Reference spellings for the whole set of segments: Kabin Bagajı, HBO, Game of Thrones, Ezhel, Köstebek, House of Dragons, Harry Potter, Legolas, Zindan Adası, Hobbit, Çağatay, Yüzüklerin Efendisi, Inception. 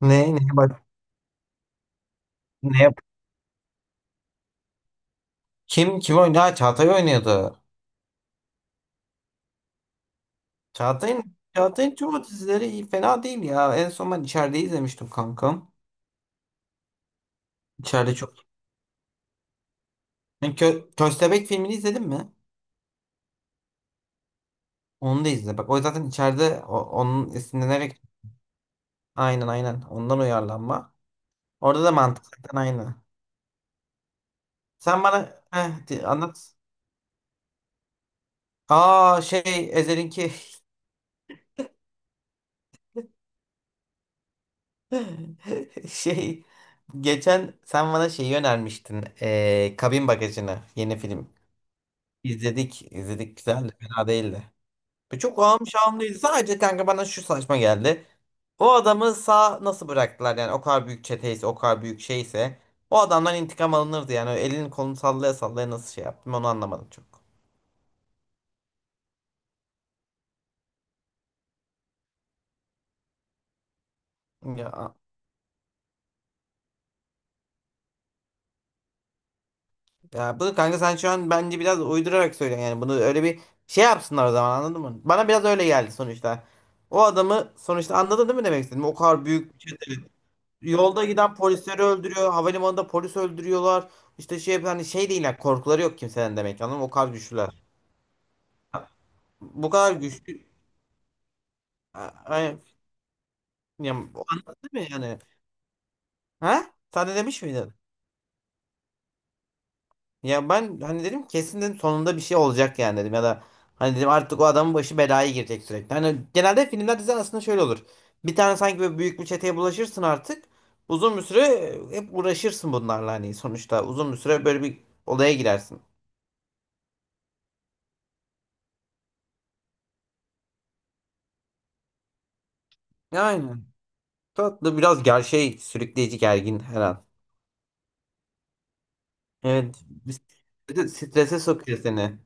Ne, ne, bak, ne yap? Kim kim oynadı? Ha, Çağatay oynuyordu. Çağatay'ın tüm o dizileri iyi, fena değil ya. En son ben içeride izlemiştim kankam. İçeride çok. Yani Köstebek filmini izledin mi? Onu da izle. Bak o zaten içeride onun esinlenerek aynen ondan uyarlanma. Orada da mantık zaten aynı. Sen bana anlat. Aa şey Ezhel'inki şey geçen sen bana şeyi önermiştin. Kabin Bagajı'nı, yeni film. İzledik, izledik. Güzeldi. Fena değildi. Ve çok ağım şahım değildi. Sadece kanka bana şu saçma geldi. O adamı sağ nasıl bıraktılar yani? O kadar büyük çeteyse, o kadar büyük şeyse o adamdan intikam alınırdı yani. Elini kolunu sallaya sallaya nasıl şey yaptım, onu anlamadım çok. Ya, ya bunu kanka sen şu an bence biraz uydurarak söylüyorsun. Yani bunu öyle bir şey yapsınlar o zaman, anladın mı? Bana biraz öyle geldi sonuçta. O adamı sonuçta anladın değil mi demek istedim. O kadar büyük. Yolda giden polisleri öldürüyor. Havalimanında polis öldürüyorlar. İşte şey, hani şey değiller. Korkuları yok kimsenin demek. Anladın mı? O kadar güçlüler. Bu kadar güçlü. Yani, anladın mı yani? Ha? Sen de demiş miydin? Ya ben hani dedim, kesin dedim sonunda bir şey olacak yani dedim, ya da hani dedim artık o adamın başı belaya girecek sürekli. Hani genelde filmler, diziler aslında şöyle olur. Bir tane sanki böyle büyük bir çeteye bulaşırsın artık. Uzun bir süre hep uğraşırsın bunlarla, hani sonuçta uzun bir süre böyle bir olaya girersin. Aynen. Tatlı biraz, ger şey sürükleyici, gergin her an. Evet, bir de strese sokuyor seni.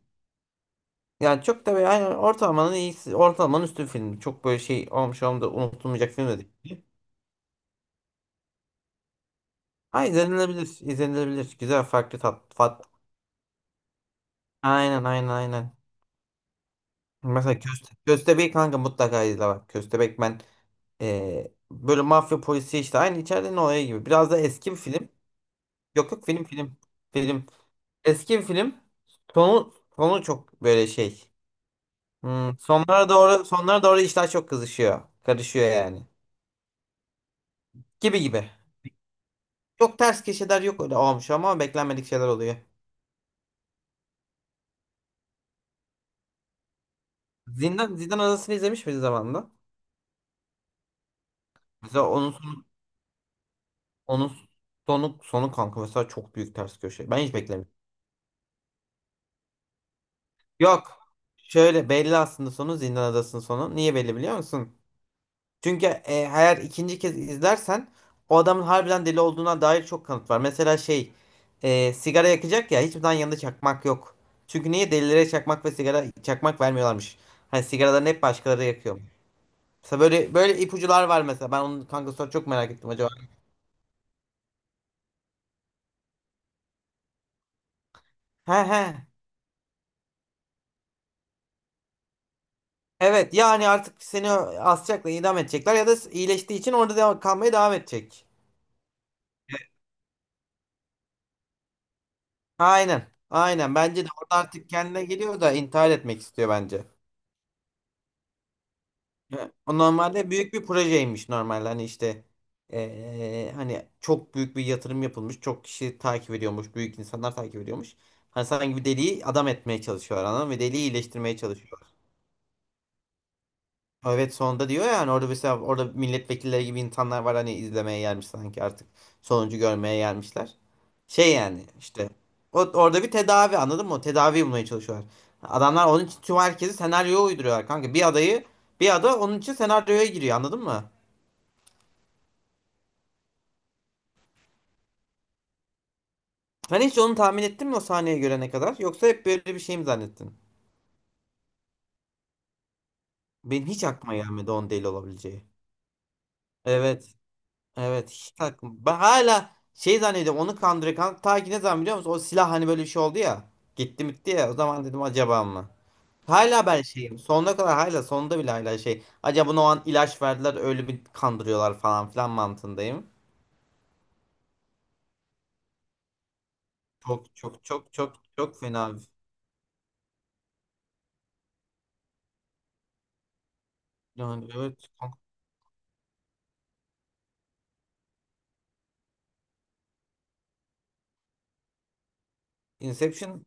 Yani çok da böyle aynen ortalamanın iyisi. Ortalamanın üstü film. Çok böyle şey olmuş, olmuş da unutulmayacak film de değil. Ha, izlenilebilir, izlenilebilir. Güzel farklı tat. Fat. Aynen. Mesela Köstebek kanka mutlaka izle bak. Köstebek, ben böyle mafya polisi işte aynı içeride ne olay gibi. Biraz da eski bir film. Yok yok, film film. Film. Eski bir film. Sonu, sonu çok böyle şey. Hmm, sonlara doğru, sonlara doğru işler çok kızışıyor. Karışıyor yani. Gibi gibi. Çok ters köşeler yok, öyle olmuş ama beklenmedik şeyler oluyor. Zindan Adası'nı izlemiş miyiz zamanında? Mesela onun sonu, onun sonu, sonu kanka mesela çok büyük ters köşe. Ben hiç beklemedim. Yok. Şöyle belli aslında sonu, Zindan Adası'nın sonu. Niye belli biliyor musun? Çünkü eğer ikinci kez izlersen o adamın harbiden deli olduğuna dair çok kanıt var. Mesela sigara yakacak ya, hiçbir zaman yanında çakmak yok. Çünkü niye, delilere çakmak ve sigara çakmak vermiyorlarmış. Hani sigaralarını hep başkaları yakıyor. Mesela böyle böyle ipucular var mesela. Ben onun kanka sonra çok merak ettim acaba. He he. Evet, yani artık seni asacaklar, idam edecekler ya da iyileştiği için orada devam, kalmaya devam edecek. Aynen. Aynen. Bence de orada artık kendine geliyor da intihar etmek istiyor bence. Ya, o normalde büyük bir projeymiş normalde, hani işte hani çok büyük bir yatırım yapılmış, çok kişi takip ediyormuş, büyük insanlar takip ediyormuş. Hani sanki bir deliği adam etmeye çalışıyor adam ve deliği iyileştirmeye çalışıyor. Evet, sonunda diyor yani orada, mesela orada milletvekilleri gibi insanlar var, hani izlemeye gelmiş sanki artık sonucu görmeye gelmişler. Şey yani işte orada bir tedavi, anladın mı? O tedavi bulmaya çalışıyorlar. Adamlar onun için tüm herkesi senaryoya uyduruyorlar kanka. Bir ada onun için senaryoya giriyor, anladın mı? Sen hiç onu tahmin ettin mi o sahneyi görene kadar? Yoksa hep böyle bir şey mi zannettin? Benim hiç aklıma gelmedi onun deli olabileceği. Evet. Evet. Hiç aklıma. Ben hala şey zannediyorum, onu kandırıyor. Ta ki ne zaman biliyor musun? O silah hani böyle bir şey oldu ya. Gitti bitti ya. O zaman dedim acaba mı? Hala ben şeyim. Sonuna kadar, hala sonunda bile hala şey. Acaba ona o an ilaç verdiler, öyle bir kandırıyorlar falan filan mantığındayım. Çok fena. Yani evet. Inception,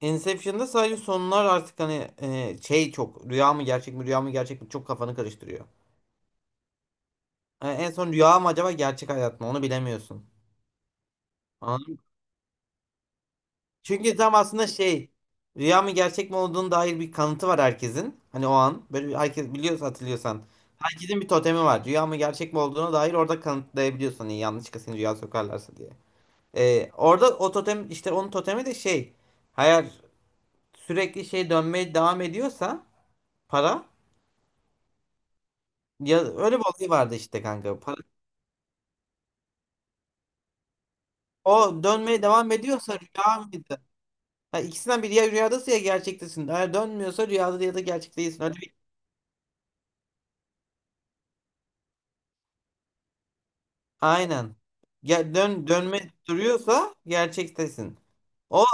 Inception'da sadece sonlar artık hani şey, çok rüya mı gerçek mi, rüya mı gerçek mi, çok kafanı karıştırıyor. En son rüya mı acaba, gerçek hayat mı, onu bilemiyorsun. Anladın mı? Çünkü tam aslında şey, rüya mı gerçek mi olduğunu dair bir kanıtı var herkesin. Hani o an herkes biliyorsa, hatırlıyorsan. Herkesin bir totemi var. Rüya mı gerçek mi olduğuna dair orada kanıtlayabiliyorsun. Hani yanlışlıkla seni rüya sokarlarsa diye. Orada o totem işte, onun totemi de şey. Eğer sürekli şey dönmeye devam ediyorsa, para. Ya öyle bir olay vardı işte kanka. Para. O dönmeye devam ediyorsa rüya mıydı? Ha, ikisinden biri, ya rüyadasın ya gerçektesin. Eğer dönmüyorsa, rüyada ya da gerçek değilsin. Öyle bir... Aynen. Ya dönme duruyorsa gerçektesin. O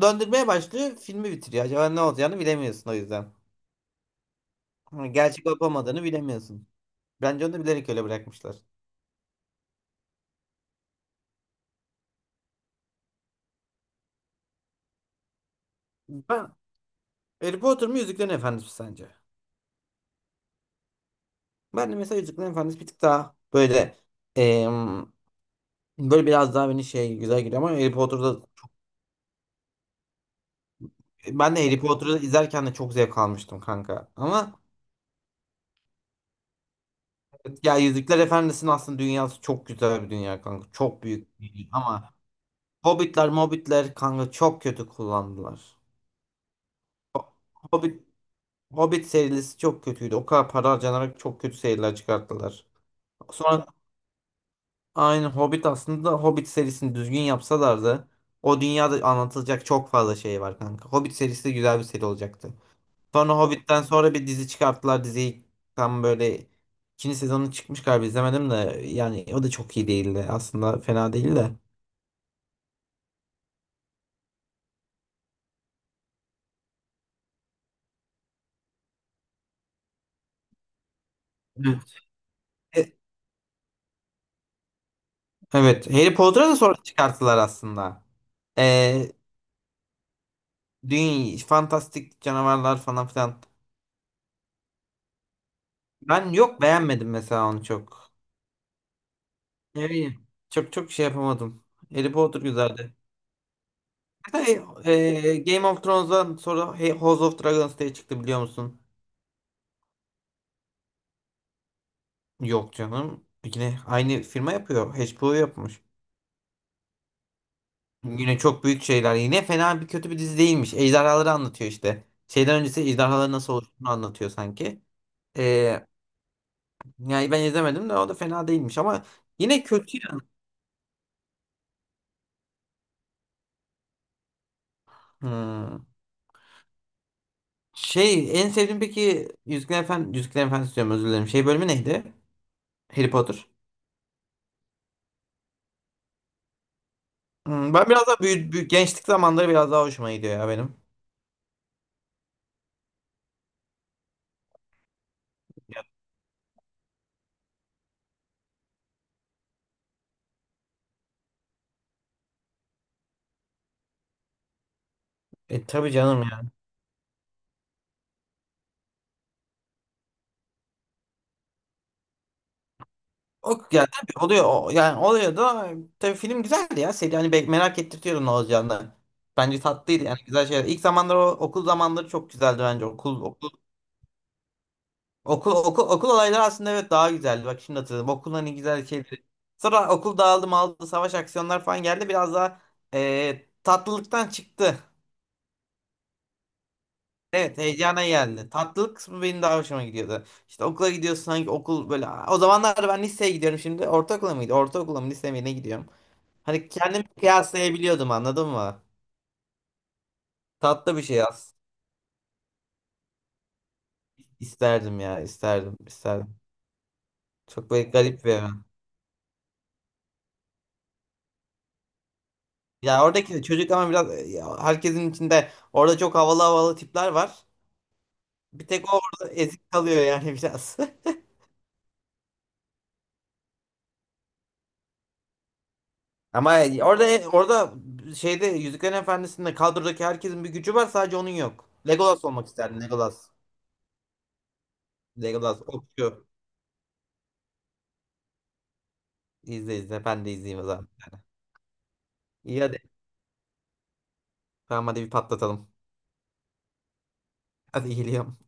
döndürmeye başlıyor, filmi bitiriyor. Acaba ne olacağını bilemiyorsun o yüzden. Ha, gerçek olup olmadığını bilemiyorsun. Bence onu da bilerek öyle bırakmışlar. Ben Harry Potter mı, Yüzüklerin Efendisi mi sence? Ben de mesela Yüzüklerin Efendisi bir tık daha böyle. Böyle biraz daha beni şey, güzel geliyor ama Harry Potter'da ben de Harry Potter'ı izlerken de çok zevk almıştım kanka. Ama evet, ya Yüzükler Efendisi'nin aslında dünyası çok güzel bir dünya kanka. Çok büyük bir dünya ama Hobbitler, Mobbitler kanka çok kötü kullandılar. Ho- Hobbit Hobbit serisi çok kötüydü. O kadar para harcanarak çok kötü seriler çıkarttılar. Sonra aynı Hobbit, aslında Hobbit serisini düzgün yapsalardı o dünyada anlatılacak çok fazla şey var kanka. Hobbit serisi de güzel bir seri olacaktı. Sonra Hobbit'ten sonra bir dizi çıkarttılar. Diziyi tam böyle, ikinci sezonu çıkmış galiba izlemedim de yani o da çok iyi değildi. Aslında fena değil de. Evet. E, Evet, Harry Potter'ı da sonra çıkarttılar aslında. Ee, Dünya, fantastik canavarlar falan filan. Ben yok, beğenmedim mesela onu çok. Yani çok çok şey yapamadım. Harry Potter güzeldi. Mesela, Game of Thrones'dan sonra House of Dragons diye çıktı biliyor musun? Yok canım. Yine aynı firma yapıyor. HBO yapmış. Yine çok büyük şeyler. Yine fena bir, kötü bir dizi değilmiş. Ejderhaları anlatıyor işte. Şeyden öncesi ejderhaların nasıl oluştuğunu anlatıyor sanki. Ee, Yani ben izlemedim de, o da fena değilmiş ama yine kötü ya. Hmm. Şey en sevdiğim peki, Yüzüklerin Efendisi, Yüzüklerin Efendisi diyorum, özür dilerim. Şey bölümü neydi? Harry Potter. Hmm, ben biraz daha büyük, büyük gençlik zamanları biraz daha hoşuma gidiyor ya benim. E tabii canım. O yani tabii oluyor o, yani oluyor da tabii film güzeldi ya, seri hani merak ettirtiyordu ne olacağını. Bence tatlıydı yani, güzel şeyler. İlk zamanlar o okul zamanları çok güzeldi bence. Okul olayları aslında, evet, daha güzeldi. Bak şimdi hatırladım, okul hani güzel şeydi. Sonra okul dağıldı maldı, savaş aksiyonlar falan geldi, biraz daha tatlılıktan çıktı. Evet, heyecana geldi. Tatlılık kısmı benim daha hoşuma gidiyordu. İşte okula gidiyorsun, hangi okul böyle. O zamanlar ben liseye gidiyorum şimdi. Ortaokula mıydı? Ortaokula mı lise mi ne gidiyorum? Hani kendimi kıyaslayabiliyordum, anladın mı? Tatlı bir şey, isterdim ya, isterdim. Çok böyle garip bir evren. Ya oradaki de çocuk ama biraz ya herkesin içinde orada çok havalı havalı tipler var. Bir tek o orada ezik kalıyor yani biraz. Ama orada şeyde, Yüzüklerin Efendisi'nde kadrodaki herkesin bir gücü var, sadece onun yok. Legolas olmak isterdim, Legolas. Legolas okçu. İzle izle, ben de izleyeyim o zaman. İyi hadi. Tamam hadi bir patlatalım. Hadi geliyorum.